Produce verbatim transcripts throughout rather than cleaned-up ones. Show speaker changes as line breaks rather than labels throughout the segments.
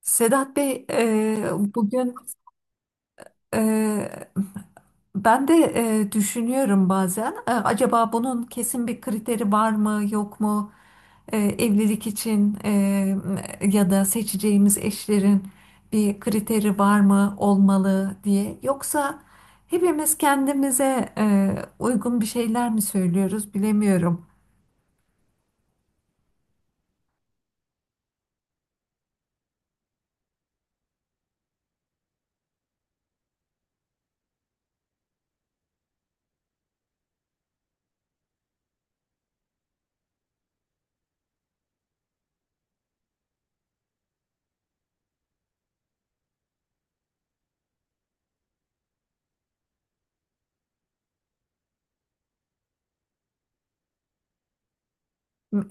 Sedat Bey, e, bugün e, ben de e, düşünüyorum bazen. E, acaba bunun kesin bir kriteri var mı, yok mu? E, evlilik için, e, ya da seçeceğimiz eşlerin bir kriteri var mı, olmalı diye. Yoksa hepimiz kendimize e, uygun bir şeyler mi söylüyoruz, bilemiyorum.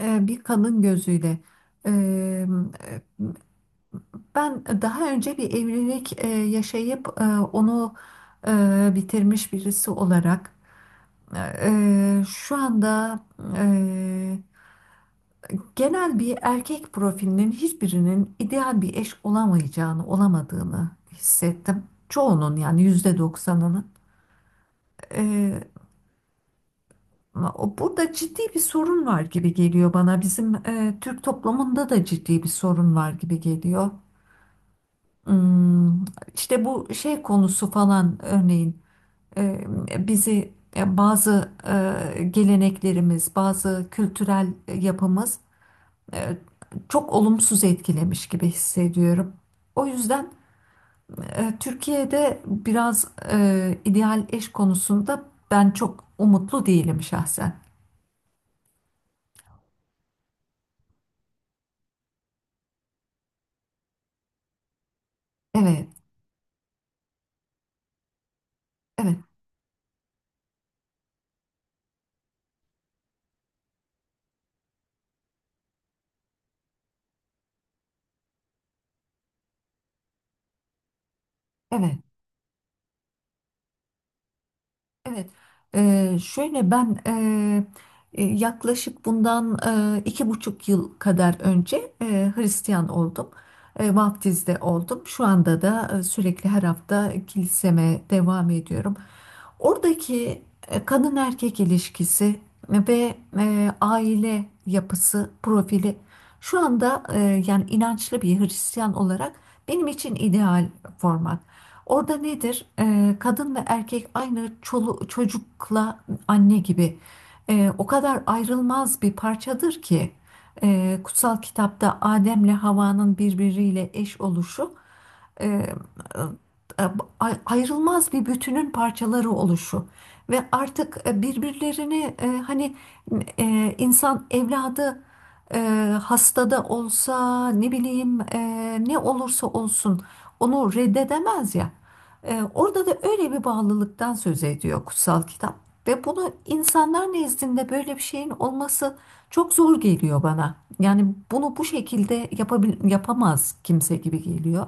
E, bir kadın gözüyle. E, Ben daha önce bir evlilik e, yaşayıp e, onu e, bitirmiş birisi olarak e, e, şu anda, e, genel bir erkek profilinin hiçbirinin ideal bir eş olamayacağını, olamadığını hissettim. Çoğunun, yani yüzde doksanının. E, o- Burada ciddi bir sorun var gibi geliyor bana. Bizim e, Türk toplumunda da ciddi bir sorun var gibi geliyor. Hmm, işte bu şey konusu falan örneğin. E, bizi e, bazı e, geleneklerimiz, bazı kültürel yapımız e, çok olumsuz etkilemiş gibi hissediyorum. O yüzden e, Türkiye'de biraz e, ideal eş konusunda ben çok umutlu değilim şahsen. Evet, evet, evet. Evet, eee, şöyle ben, eee, e, yaklaşık bundan eee, iki buçuk yıl kadar önce eee, Hristiyan oldum. Eee, vaftizde oldum. Şu anda da eee, sürekli her hafta kiliseme devam ediyorum. Oradaki e, kadın erkek ilişkisi ve e, aile yapısı, profili şu anda, e, yani inançlı bir Hristiyan olarak benim için ideal format. Orada nedir? Ee, kadın ve erkek aynı çolu- çocukla anne gibi. Ee, o kadar ayrılmaz bir parçadır ki e, kutsal kitapta Adem'le Havva'nın birbiriyle eş oluşu, e, e, ay- ayrılmaz bir bütünün parçaları oluşu ve artık e, birbirlerini, e, hani e, insan evladı e, hastada olsa, ne bileyim, e, ne olursa olsun onu reddedemez ya. E, orada da öyle bir bağlılıktan söz ediyor kutsal kitap ve bunu insanlar nezdinde böyle bir şeyin olması çok zor geliyor bana. Yani bunu bu şekilde yapabil yapamaz kimse gibi geliyor.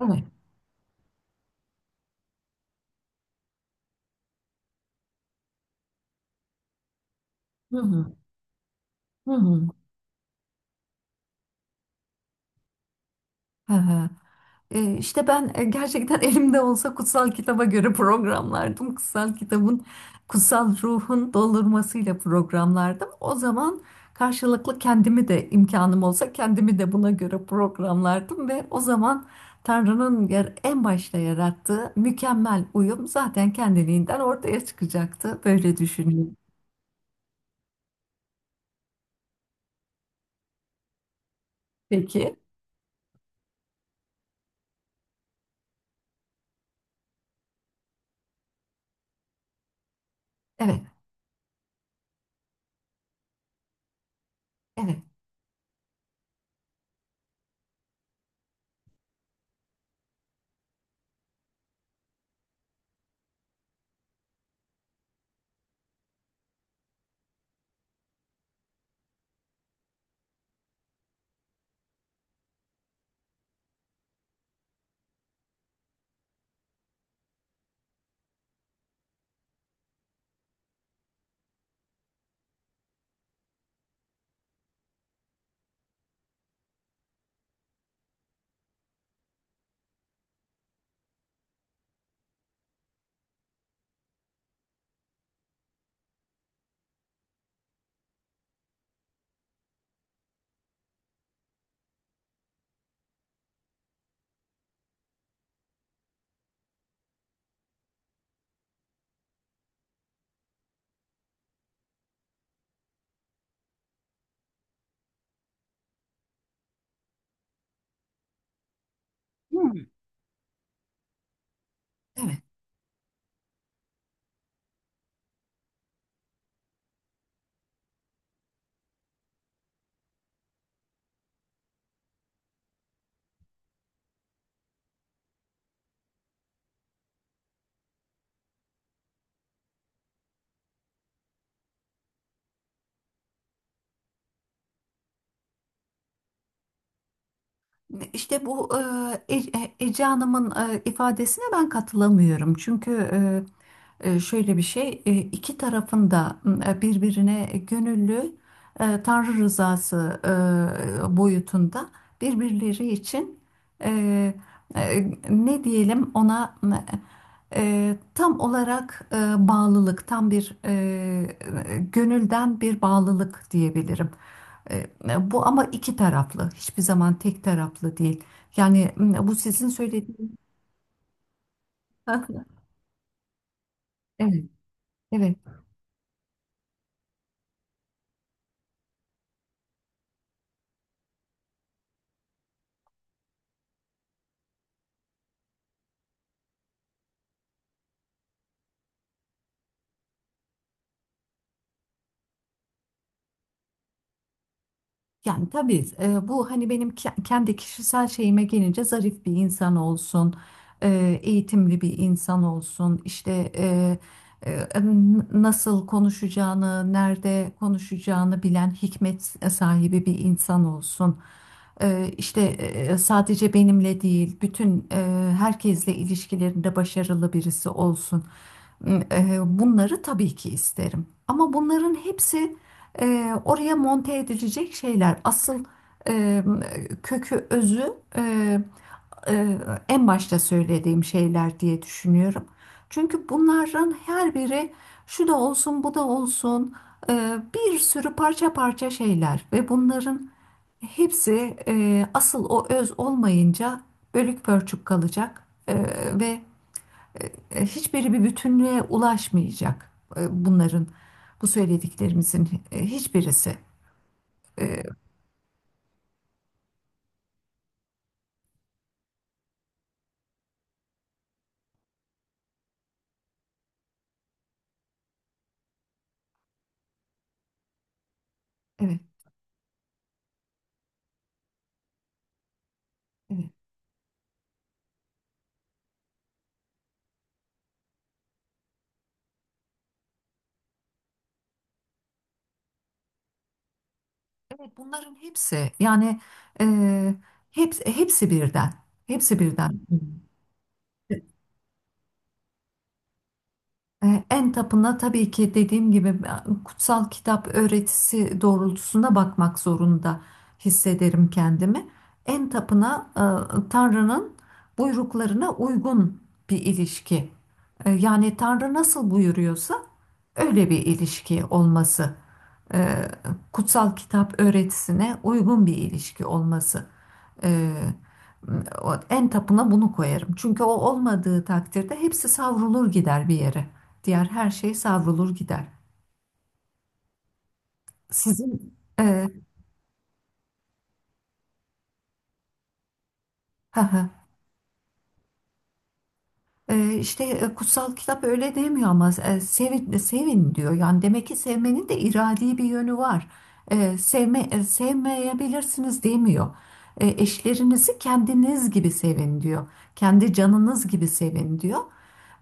Evet. Hı hı, hı hı. Hı hı. E, işte ben e, gerçekten elimde olsa kutsal kitaba göre programlardım. Kutsal kitabın, kutsal ruhun doldurmasıyla programlardım. O zaman karşılıklı kendimi de, imkanım olsa kendimi de buna göre programlardım ve o zaman Tanrı'nın yer, en başta yarattığı mükemmel uyum zaten kendiliğinden ortaya çıkacaktı. Böyle düşünüyorum. Peki. Evet, evet. Hmm. Evet. İşte bu e, E- Ece Hanım'ın e, ifadesine ben katılamıyorum. Çünkü e, e, şöyle bir şey, e, iki tarafın da e, birbirine gönüllü, e, Tanrı rızası e, boyutunda birbirleri için, e, e, ne diyelim ona, e, tam olarak e, bağlılık, tam bir e, gönülden bir bağlılık diyebilirim. E, Bu ama iki taraflı, hiçbir zaman tek taraflı değil. Yani m, bu sizin söylediğiniz. Evet, evet. Yani tabii, e, bu hani benim ke- kendi kişisel şeyime gelince, zarif bir insan olsun, e, eğitimli bir insan olsun, işte, e, e, n- nasıl konuşacağını, nerede konuşacağını bilen hikmet sahibi bir insan olsun. E, işte e, sadece benimle değil, bütün, e, herkesle ilişkilerinde başarılı birisi olsun. E, bunları tabii ki isterim. Ama bunların hepsi e, oraya monte edilecek şeyler. Asıl e, kökü, özü, e, e, en başta söylediğim şeyler diye düşünüyorum. Çünkü bunların her biri, şu da olsun, bu da olsun, e, bir sürü parça parça şeyler ve bunların hepsi, e, asıl o öz olmayınca bölük pörçük kalacak e, ve hiçbiri bir bütünlüğe ulaşmayacak, e, bunların, bu söylediklerimizin e, hiçbirisi. Ee, evet, evet. Evet, bunların hepsi, yani e, hepsi, hepsi birden. Hepsi birden. E, En tapına tabii ki, dediğim gibi, e, kutsal kitap öğretisi doğrultusunda bakmak zorunda hissederim kendimi. En tapına e, Tanrı'nın buyruklarına uygun bir ilişki. E, Yani Tanrı nasıl buyuruyorsa öyle bir ilişki olması. E, Kutsal kitap öğretisine uygun bir ilişki olması. Ee, O en tapına bunu koyarım. Çünkü o olmadığı takdirde hepsi savrulur gider bir yere. Diğer her şey savrulur gider. Sizin e, ha ha, e, işte e, kutsal kitap öyle demiyor ama e, sevin, e, sevin diyor. Yani demek ki sevmenin de iradi bir yönü var. E, sevme, e, sevmeyebilirsiniz demiyor. E, eşlerinizi kendiniz gibi sevin diyor. Kendi canınız gibi sevin diyor.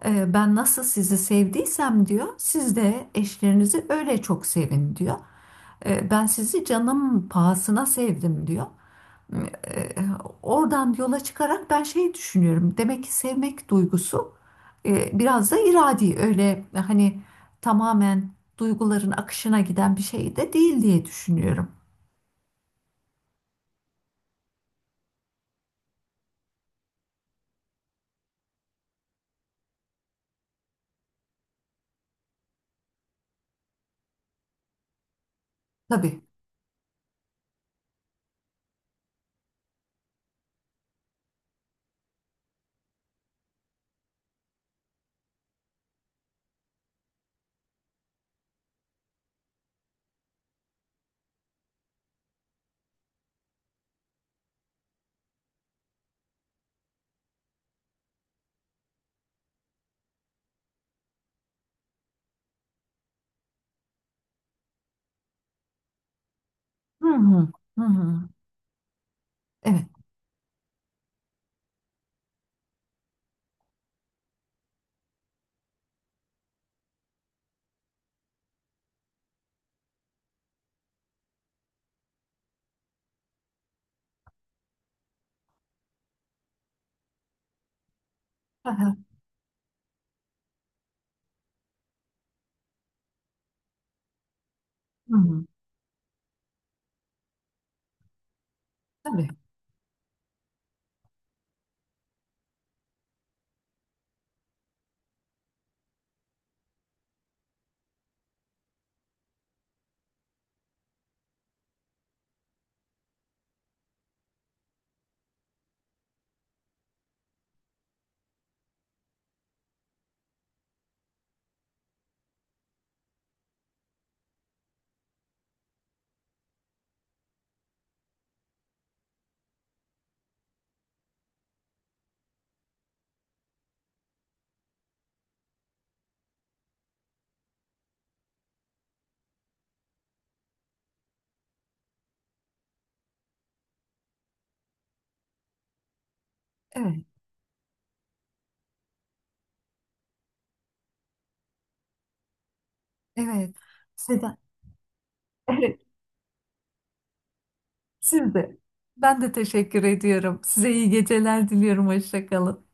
Ee, Ben nasıl sizi sevdiysem diyor, siz de eşlerinizi öyle çok sevin diyor. Ee, Ben sizi canım pahasına sevdim diyor. Ee, Oradan yola çıkarak ben şey düşünüyorum. Demek ki sevmek duygusu e, biraz da iradi, öyle hani tamamen duyguların akışına giden bir şey de değil diye düşünüyorum. Tabii. Hı hı. Hı hı. Evet. Hı hı. Hı hı. Tabii. Evet. Evet. Seda. Siz de. Ben de teşekkür ediyorum. Size iyi geceler diliyorum. Hoşça kalın.